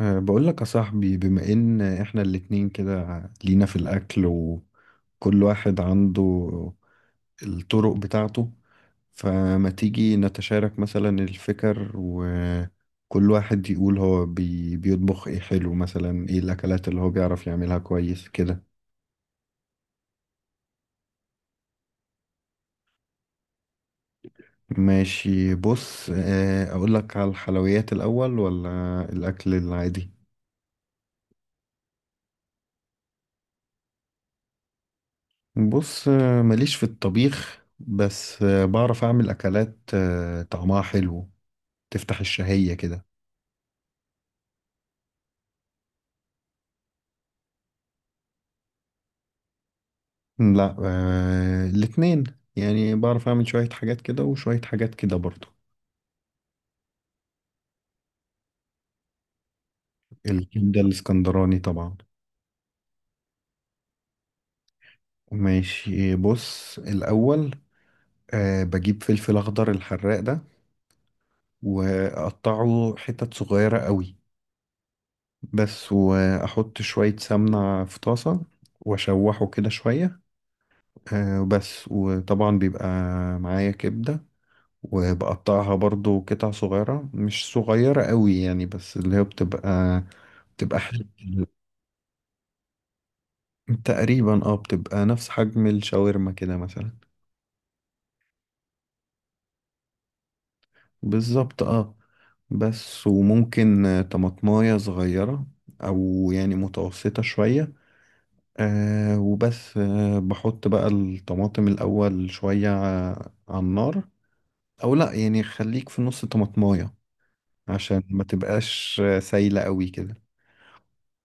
بقول لك يا صاحبي، بما ان احنا الاتنين كده لينا في الاكل، وكل واحد عنده الطرق بتاعته. فما تيجي نتشارك مثلا الفكر، وكل واحد يقول هو بيطبخ ايه حلو، مثلا ايه الاكلات اللي هو بيعرف يعملها كويس كده. ماشي، بص اقول لك على الحلويات الاول ولا الاكل العادي؟ بص ماليش في الطبيخ، بس بعرف اعمل اكلات طعمها حلو، تفتح الشهية كده. لا، الاتنين. يعني بعرف أعمل شوية حاجات كده وشوية حاجات كده برضو. الكبدة الإسكندراني طبعا. ماشي، بص الأول بجيب فلفل أخضر الحراق ده، وأقطعه حتت صغيرة قوي بس، وأحط شوية سمنة في طاسة وأشوحه كده شوية. بس وطبعا بيبقى معايا كبدة، وبقطعها برضو قطع صغيرة، مش صغيرة قوي يعني، بس اللي هي بتبقى حجم. تقريبا اه، بتبقى نفس حجم الشاورما كده مثلا. بالظبط اه. بس وممكن طماطماية صغيرة، أو يعني متوسطة شوية. وبس بحط بقى الطماطم الأول شوية على النار، أو لأ، يعني خليك في نص طماطماية عشان ما تبقاش سايلة قوي كده.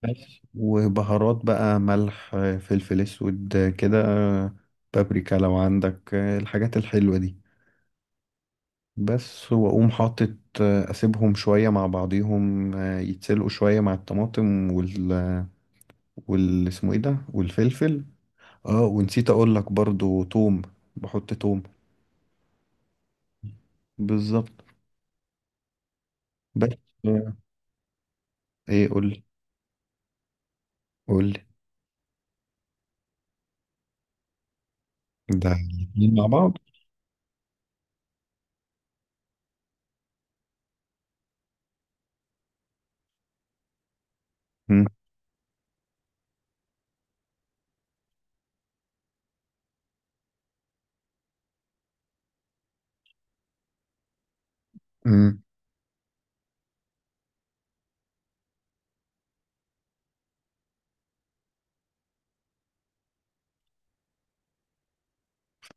بس وبهارات بقى: ملح فلفل اسود كده بابريكا لو عندك الحاجات الحلوة دي. بس واقوم حاطط اسيبهم شوية مع بعضيهم يتسلقوا شوية مع الطماطم وال وال اسمه ايه ده، والفلفل. اه ونسيت اقول لك برضو توم، بحط توم. بالظبط. بس آه، ايه؟ قول. قول. ده الاتنين مع بعض. مم. مم.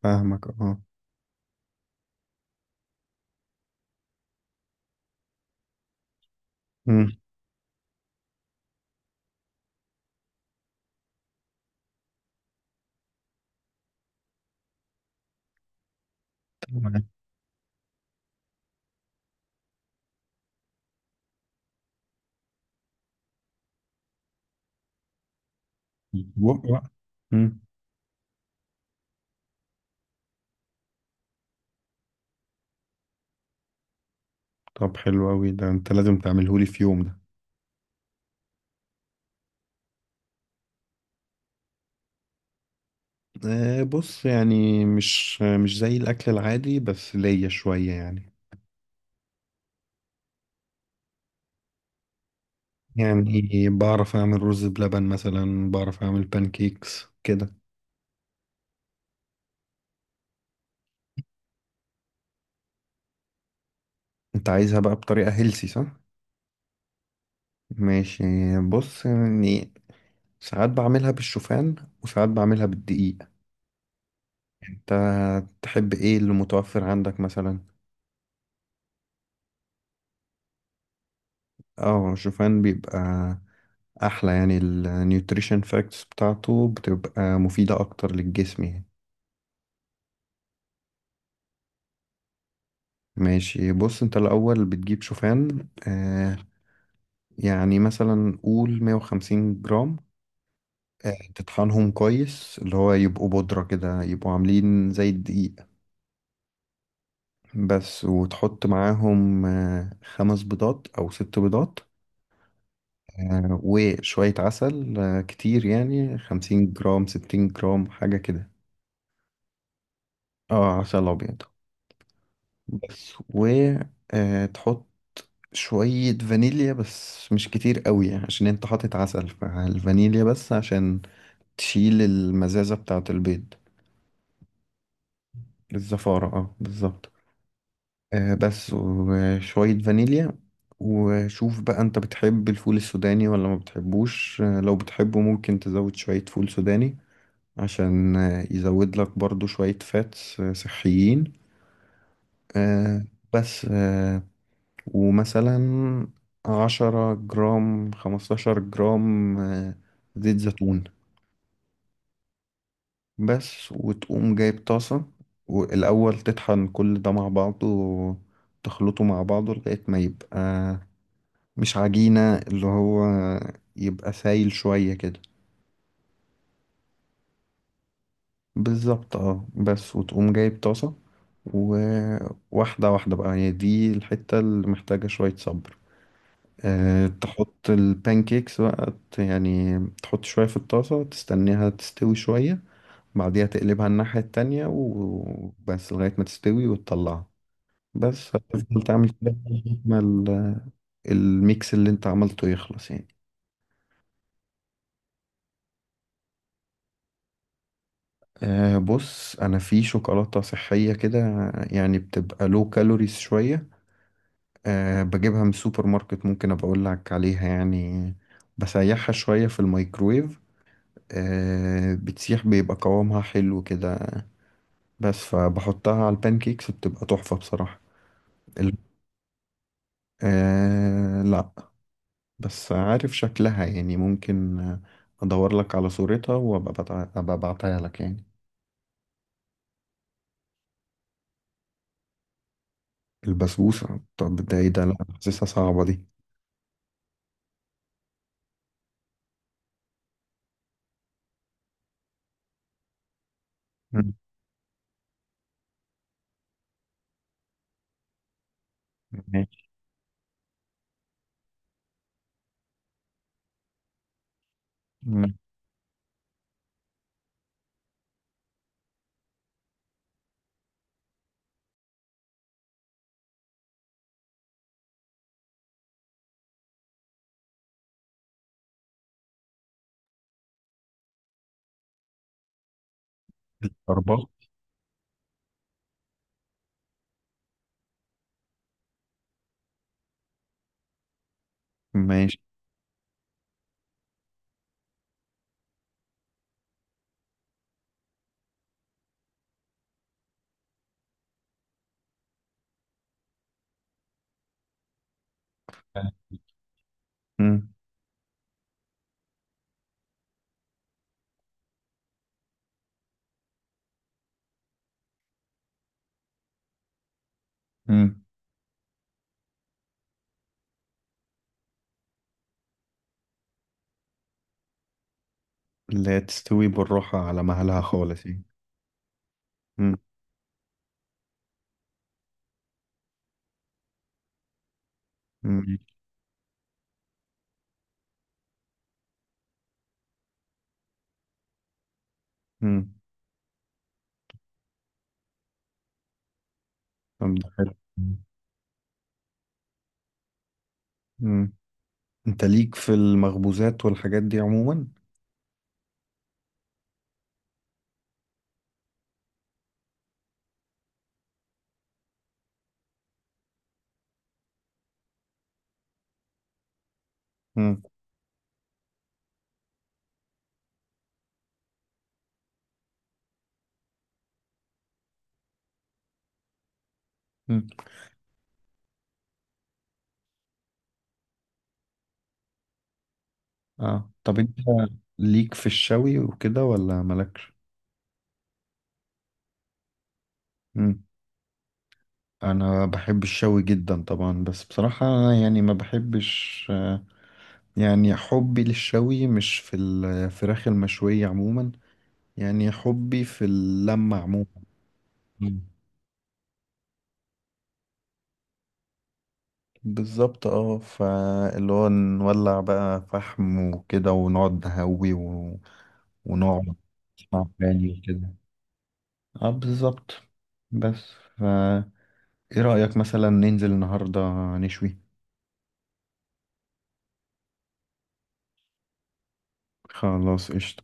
فاهمك اه. مم. تمام. بقى. مم. طب حلو أوي ده، أنت لازم تعملهولي في يوم ده. بص يعني مش زي الأكل العادي، بس ليا شوية يعني. يعني بعرف أعمل رز بلبن مثلا، بعرف أعمل بانكيكس كده. أنت عايزها بقى بطريقة هيلسي، صح؟ ماشي، بص يعني ساعات بعملها بالشوفان وساعات بعملها بالدقيق. أنت تحب إيه اللي متوفر عندك مثلا؟ اه، الشوفان بيبقى أحلى، يعني النيوتريشن فاكتس بتاعته بتبقى مفيدة أكتر للجسم يعني. ماشي، بص انت الأول بتجيب شوفان، يعني مثلا قول 150 جرام. تطحنهم كويس، اللي هو يبقوا بودرة كده، يبقوا عاملين زي الدقيق. بس وتحط معاهم خمس بيضات أو ست بيضات. وشوية عسل، كتير يعني 50 جرام، 60 جرام، حاجة كده. اه، عسل أبيض. بس وتحط شوية فانيليا، بس مش كتير قوي يعني، عشان انت حاطط عسل، فالفانيليا بس عشان تشيل المزازة بتاعة البيض. الزفارة اه، بالظبط. بس وشوية فانيليا. وشوف بقى انت بتحب الفول السوداني ولا ما بتحبوش؟ لو بتحبه، ممكن تزود شوية فول سوداني عشان يزود لك برضو شوية فاتس صحيين. آه بس ومثلا 10 جرام، 15 جرام زيت زيتون. بس وتقوم جايب طاسة، والأول تطحن كل ده مع بعضه وتخلطه مع بعضه لغاية ما يبقى مش عجينة، اللي هو يبقى سايل شوية كده. بالظبط اه. بس وتقوم جايب طاسة، وواحدة واحدة بقى. هي دي الحتة اللي محتاجة شوية صبر. تحط البانكيكس بقى، يعني تحط شوية في الطاسة، تستنيها تستوي شوية. بعديها تقلبها الناحية التانية، وبس لغاية ما تستوي وتطلعها. بس هتفضل تعمل كده لغاية ما الميكس اللي انت عملته يخلص يعني. بص، انا في شوكولاتة صحية كده، يعني بتبقى لو كالوريز شوية. بجيبها من السوبر ماركت، ممكن ابقى اقول لك عليها يعني. بسيحها شوية في الميكرويف، بتسيح بيبقى قوامها حلو كده. بس فبحطها على البانكيكس بتبقى تحفة بصراحة. ال... آه لا. بس عارف شكلها يعني، ممكن ادور لك على صورتها، وابقى أبقى ابعتها لك يعني. البسبوسة؟ طب ده ايه ده؟ لا، حاسسها صعبة دي. مم. ماشي. مم. أربعة. ماشي. مم. مم. لا، تستوي بالراحة على مهلها خالص يعني. مم. مم. مم. طب ده حلو. مم. انت ليك في المخبوزات والحاجات دي عموما؟ مم. مم. اه، طب انت ليك في الشوي وكده ولا مالكش؟ مم. انا بحب الشوي جدا طبعا. بس بصراحة أنا يعني ما بحبش يعني حبي للشوي مش في الفراخ المشوية عموما، يعني حبي في اللمة عموما. مم. بالظبط اه. فاللي هو نولع بقى فحم وكده، ونقعد نهوي ونقعد نسمع أغاني وكده. اه، بالظبط. بس فا ايه رأيك مثلا ننزل النهاردة نشوي؟ خلاص قشطة.